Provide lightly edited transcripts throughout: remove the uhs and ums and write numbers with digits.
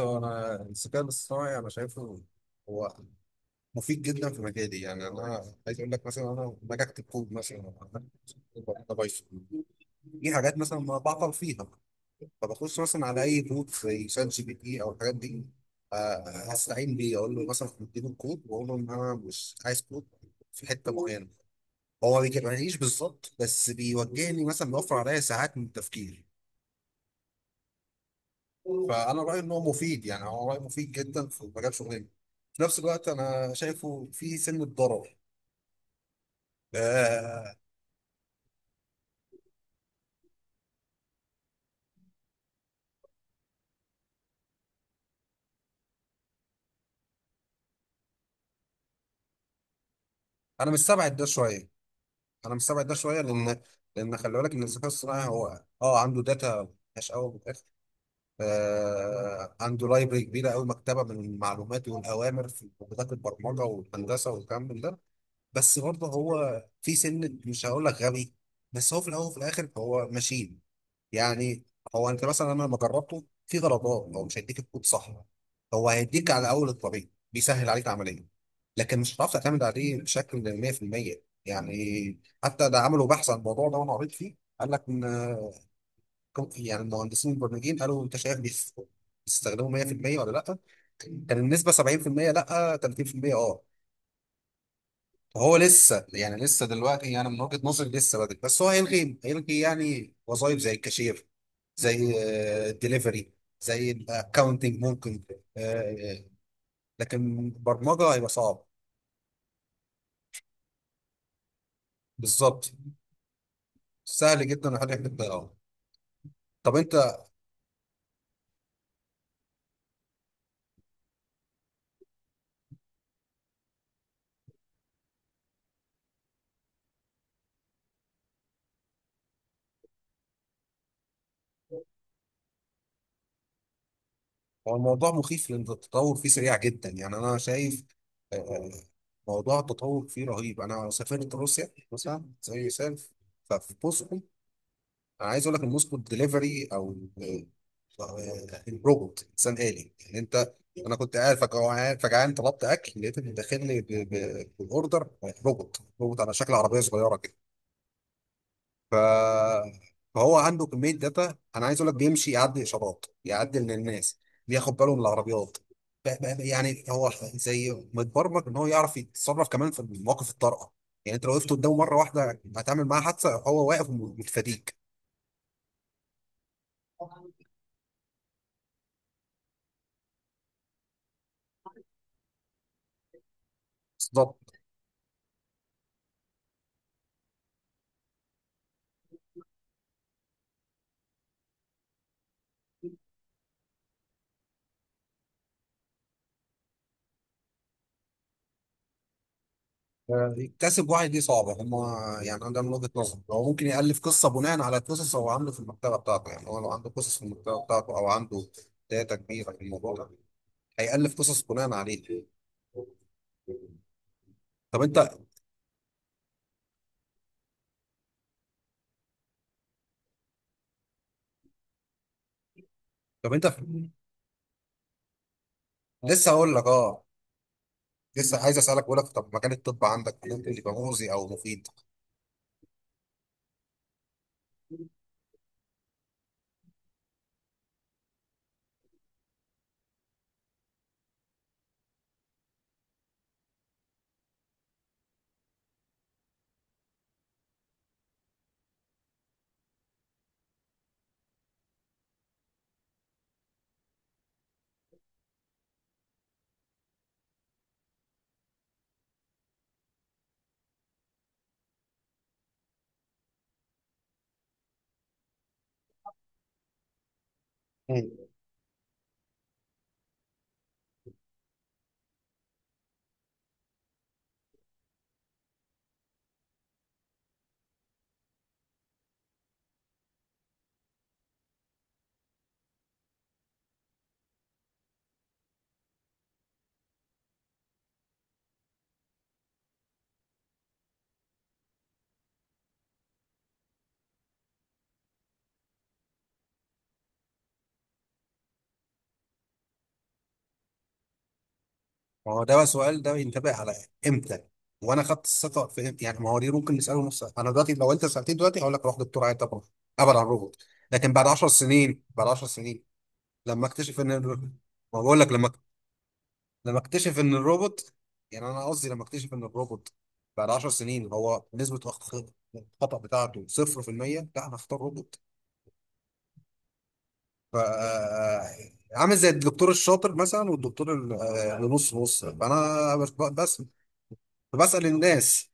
هو انا الذكاء الاصطناعي انا شايفه هو مفيد جدا في مجالي. يعني انا عايز اقول لك مثلا، انا لما باجي اكتب كود مثلا انا بايثون، في حاجات مثلا ما بعطل فيها، فبخش مثلا على اي بوت زي شات جي بي تي او الحاجات دي، آه، هستعين بيه اقول له مثلا اديله الكود واقول له ان انا مش عايز كود في حته معينه. هو ما بيجيبهاليش بالظبط بس بيوجهني، مثلا بيوفر عليا ساعات من التفكير. فانا رايي ان هو مفيد، يعني هو رايي مفيد جدا في مجال شغلنا. في نفس الوقت انا شايفه في سنه ضرر آه انا مستبعد ده شويه. انا مستبعد ده شويه لان خلي بالك ان الذكاء الصناعي هو عنده داتا مش قوي من الاخر. عنده لايبرري كبيره قوي، مكتبه من المعلومات والاوامر في لغات البرمجه والهندسه والكلام من ده. بس برضه هو في سن مش هقول لك غبي، بس هو في الاول وفي الاخر هو ماشين يعني. هو انت مثلا لما جربته في درجات هو مش هيديك الكود صح، هو هيديك على اول الطريق، بيسهل عليك العمليه، لكن مش هتعرف تعتمد عليه بشكل 100%. يعني حتى ده عملوا بحث عن الموضوع ده وانا قريت فيه، قال لك ان يعني المهندسين البرمجيين قالوا انت شايف بيستخدموا 100% ولا لا، كان النسبه 70% لا 30% فهو لسه يعني، لسه دلوقتي يعني من وجهه نظري لسه بدري، بس هو هيلغي يعني وظائف زي الكاشير، زي الدليفري، زي الاكونتنج ممكن، آه، آه، لكن برمجه هيبقى صعب. بالظبط، سهل جدا وحاجه بتضيعها. طب انت هو الموضوع مخيف لان التطور فيه سريع جدا. يعني انا شايف آه، آه، موضوع التطور فيه رهيب. انا سافرت روسيا مثلا زي مثال، ففي بوسطه، انا عايز اقول لك المسكو دليفري او ال- الروبوت، انسان آلي يعني. انا كنت قاعد فجعان فجعان، طلبت اكل لقيت اللي داخل لي بالاوردر، روبوت روبوت على شكل عربيه صغيره كده. ف فهو عنده كميه داتا، انا عايز اقول لك بيمشي يعدي اشارات، يعدي من الناس، بياخد باله من العربيات، ب- يعني هو زي متبرمج ان هو يعرف يتصرف كمان في مواقف الطارئه. يعني انت لو وقفت قدامه مره واحده هتعمل معاه حادثه، هو واقف ومتفاديك. بالظبط. يكتسب واحد دي صعبة هما. يعني أنا، ده من وجهة نظري، هو ممكن يألف قصة بناء على قصص هو عامله في المكتبة بتاعته. يعني هو لو عنده قصص في المكتبة بتاعته أو عنده داتا كبيرة في الموضوع ده هيألف قصص بناء عليه. طب أنت طب أنت لسه هقول لك أه. لسه عايز اسالك، بقول لك طب مجال الطب عندك ممكن يبقى مؤذي او مفيد؟ مم. ما هو ده بقى سؤال، ده ينتبه على امتى وانا خدت الثقه في امتى؟ يعني ما هو دي ممكن نساله نفس. انا دلوقتي، لو انت سالتني دلوقتي، هقول لك روح دكتور عيادة طبعا، ابعد عن الروبوت. لكن بعد 10 سنين، بعد 10 سنين، لما اكتشف ان ما بقول لك لما اكتشف ان الروبوت، يعني انا قصدي لما اكتشف ان الروبوت بعد 10 سنين هو نسبه الخطا بتاعته 0%، لا انا اختار روبوت. ف عامل زي الدكتور الشاطر مثلا والدكتور اللي نص نص. فانا بس بسال الناس.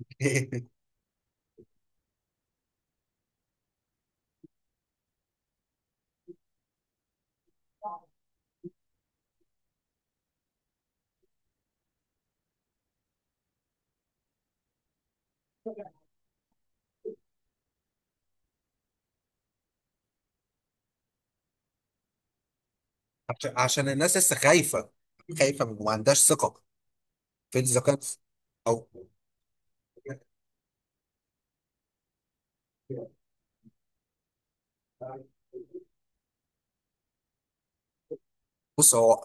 عشان الناس لسه خايفه، خايفه وما عندهاش ثقه في الذكاء او بص هو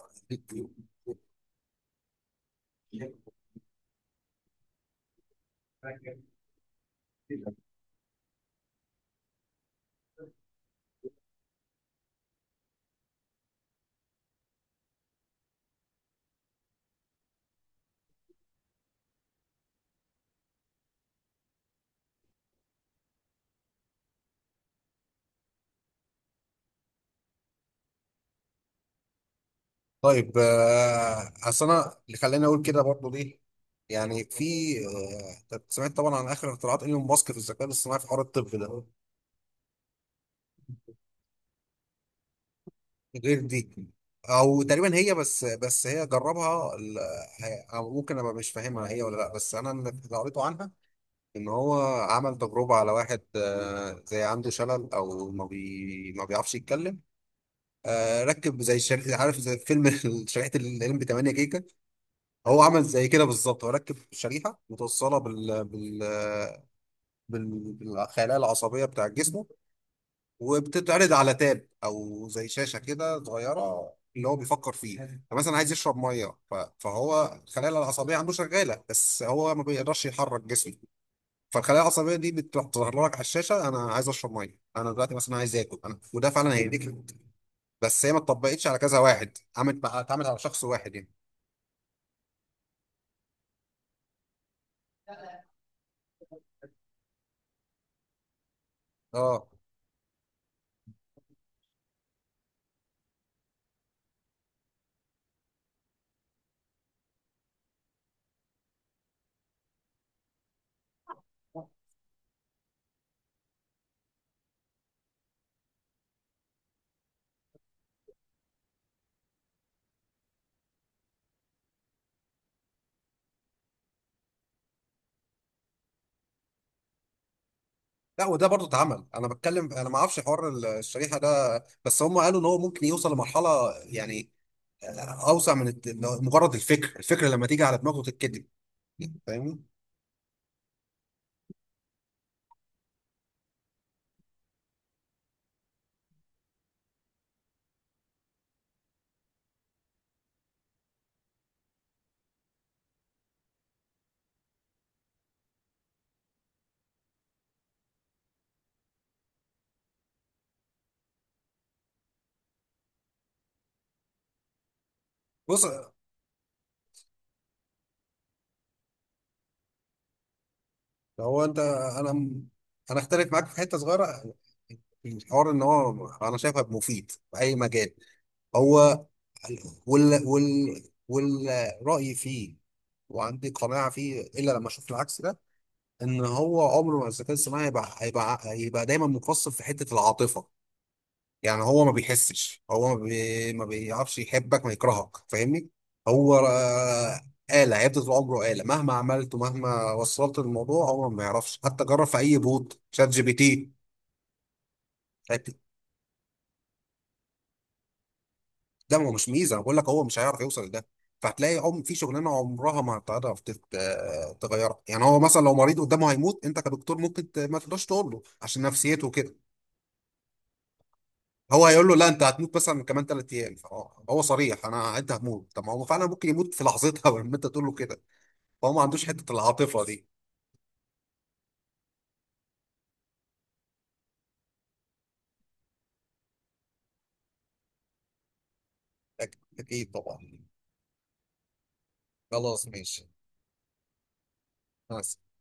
طيب. اصل انا اللي خلاني اقول كده برضه ليه؟ يعني في آه، طب سمعت طبعا عن اخر اختراعات ايلون ماسك في الذكاء الاصطناعي في حوار الطب ده؟ غير دي، او تقريبا هي. بس هي جربها أو ممكن ابقى مش فاهمها هي ولا لا. بس انا اللي قريته عنها ان هو عمل تجربه على واحد، زي عنده شلل او ما بيعرفش يتكلم. ركب زي شريحه، عارف زي فيلم شريحه الام بي 8 جيجا. هو عمل زي كده بالظبط، هو ركب شريحه متوصله بالخلايا العصبيه بتاع الجسم، وبتتعرض على تاب او زي شاشه كده صغيره، اللي هو بيفكر فيه، فمثلا عايز يشرب ميه، فهو الخلايا العصبيه عنده شغاله بس هو ما بيقدرش يحرك جسمه. فالخلايا العصبيه دي بتروح تظهر لك على الشاشه: انا عايز اشرب ميه، انا دلوقتي مثلا عايز اكل انا، وده فعلا هيديك. بس هي ما اتطبقتش على كذا واحد، عملت بقى اتعملت على شخص واحد يعني. اه. لا، وده برضه اتعمل، انا بتكلم انا ما اعرفش حوار الشريحه ده. بس هم قالوا ان هو ممكن يوصل لمرحله يعني اوسع من مجرد الفكر، الفكره لما تيجي على دماغه تتكتب. فاهمني. بص هو انت انا انا اختلف معاك في حته صغيره، الحوار ان هو انا شايفها مفيد في اي مجال. هو وال وال والراي فيه، وعندي قناعه فيه الا لما اشوف العكس ده. ان هو عمره ما الذكاء الصناعي هيبقى دايما مقصر في حته العاطفه. يعني هو ما بيحسش، هو ما, بي... ما بيعرفش يحبك ما يكرهك. فاهمني. هو آلة هيفضل طول عمره آلة مهما عملت ومهما وصلت. الموضوع هو ما يعرفش. حتى جرب في أي بوت شات جي بي تي. هت- ده ما هو مش ميزة. أنا بقول لك هو مش هيعرف يوصل لده. فهتلاقي عم في شغلانة عمرها ما هتعرف تغيرها. يعني هو مثلا لو مريض قدامه هيموت، أنت كدكتور ممكن ما تقدرش تقول له عشان نفسيته كده. هو هيقول له لا، انت هتموت مثلا كمان ثلاث ايام. فهو صريح: انا انت هموت، طب ما هو فعلا ممكن يموت في لحظتها لما انت تقول له كده. فهو ما عندوش حته العاطفه دي. أك- اكيد طبعا. خلاص ماشي. مع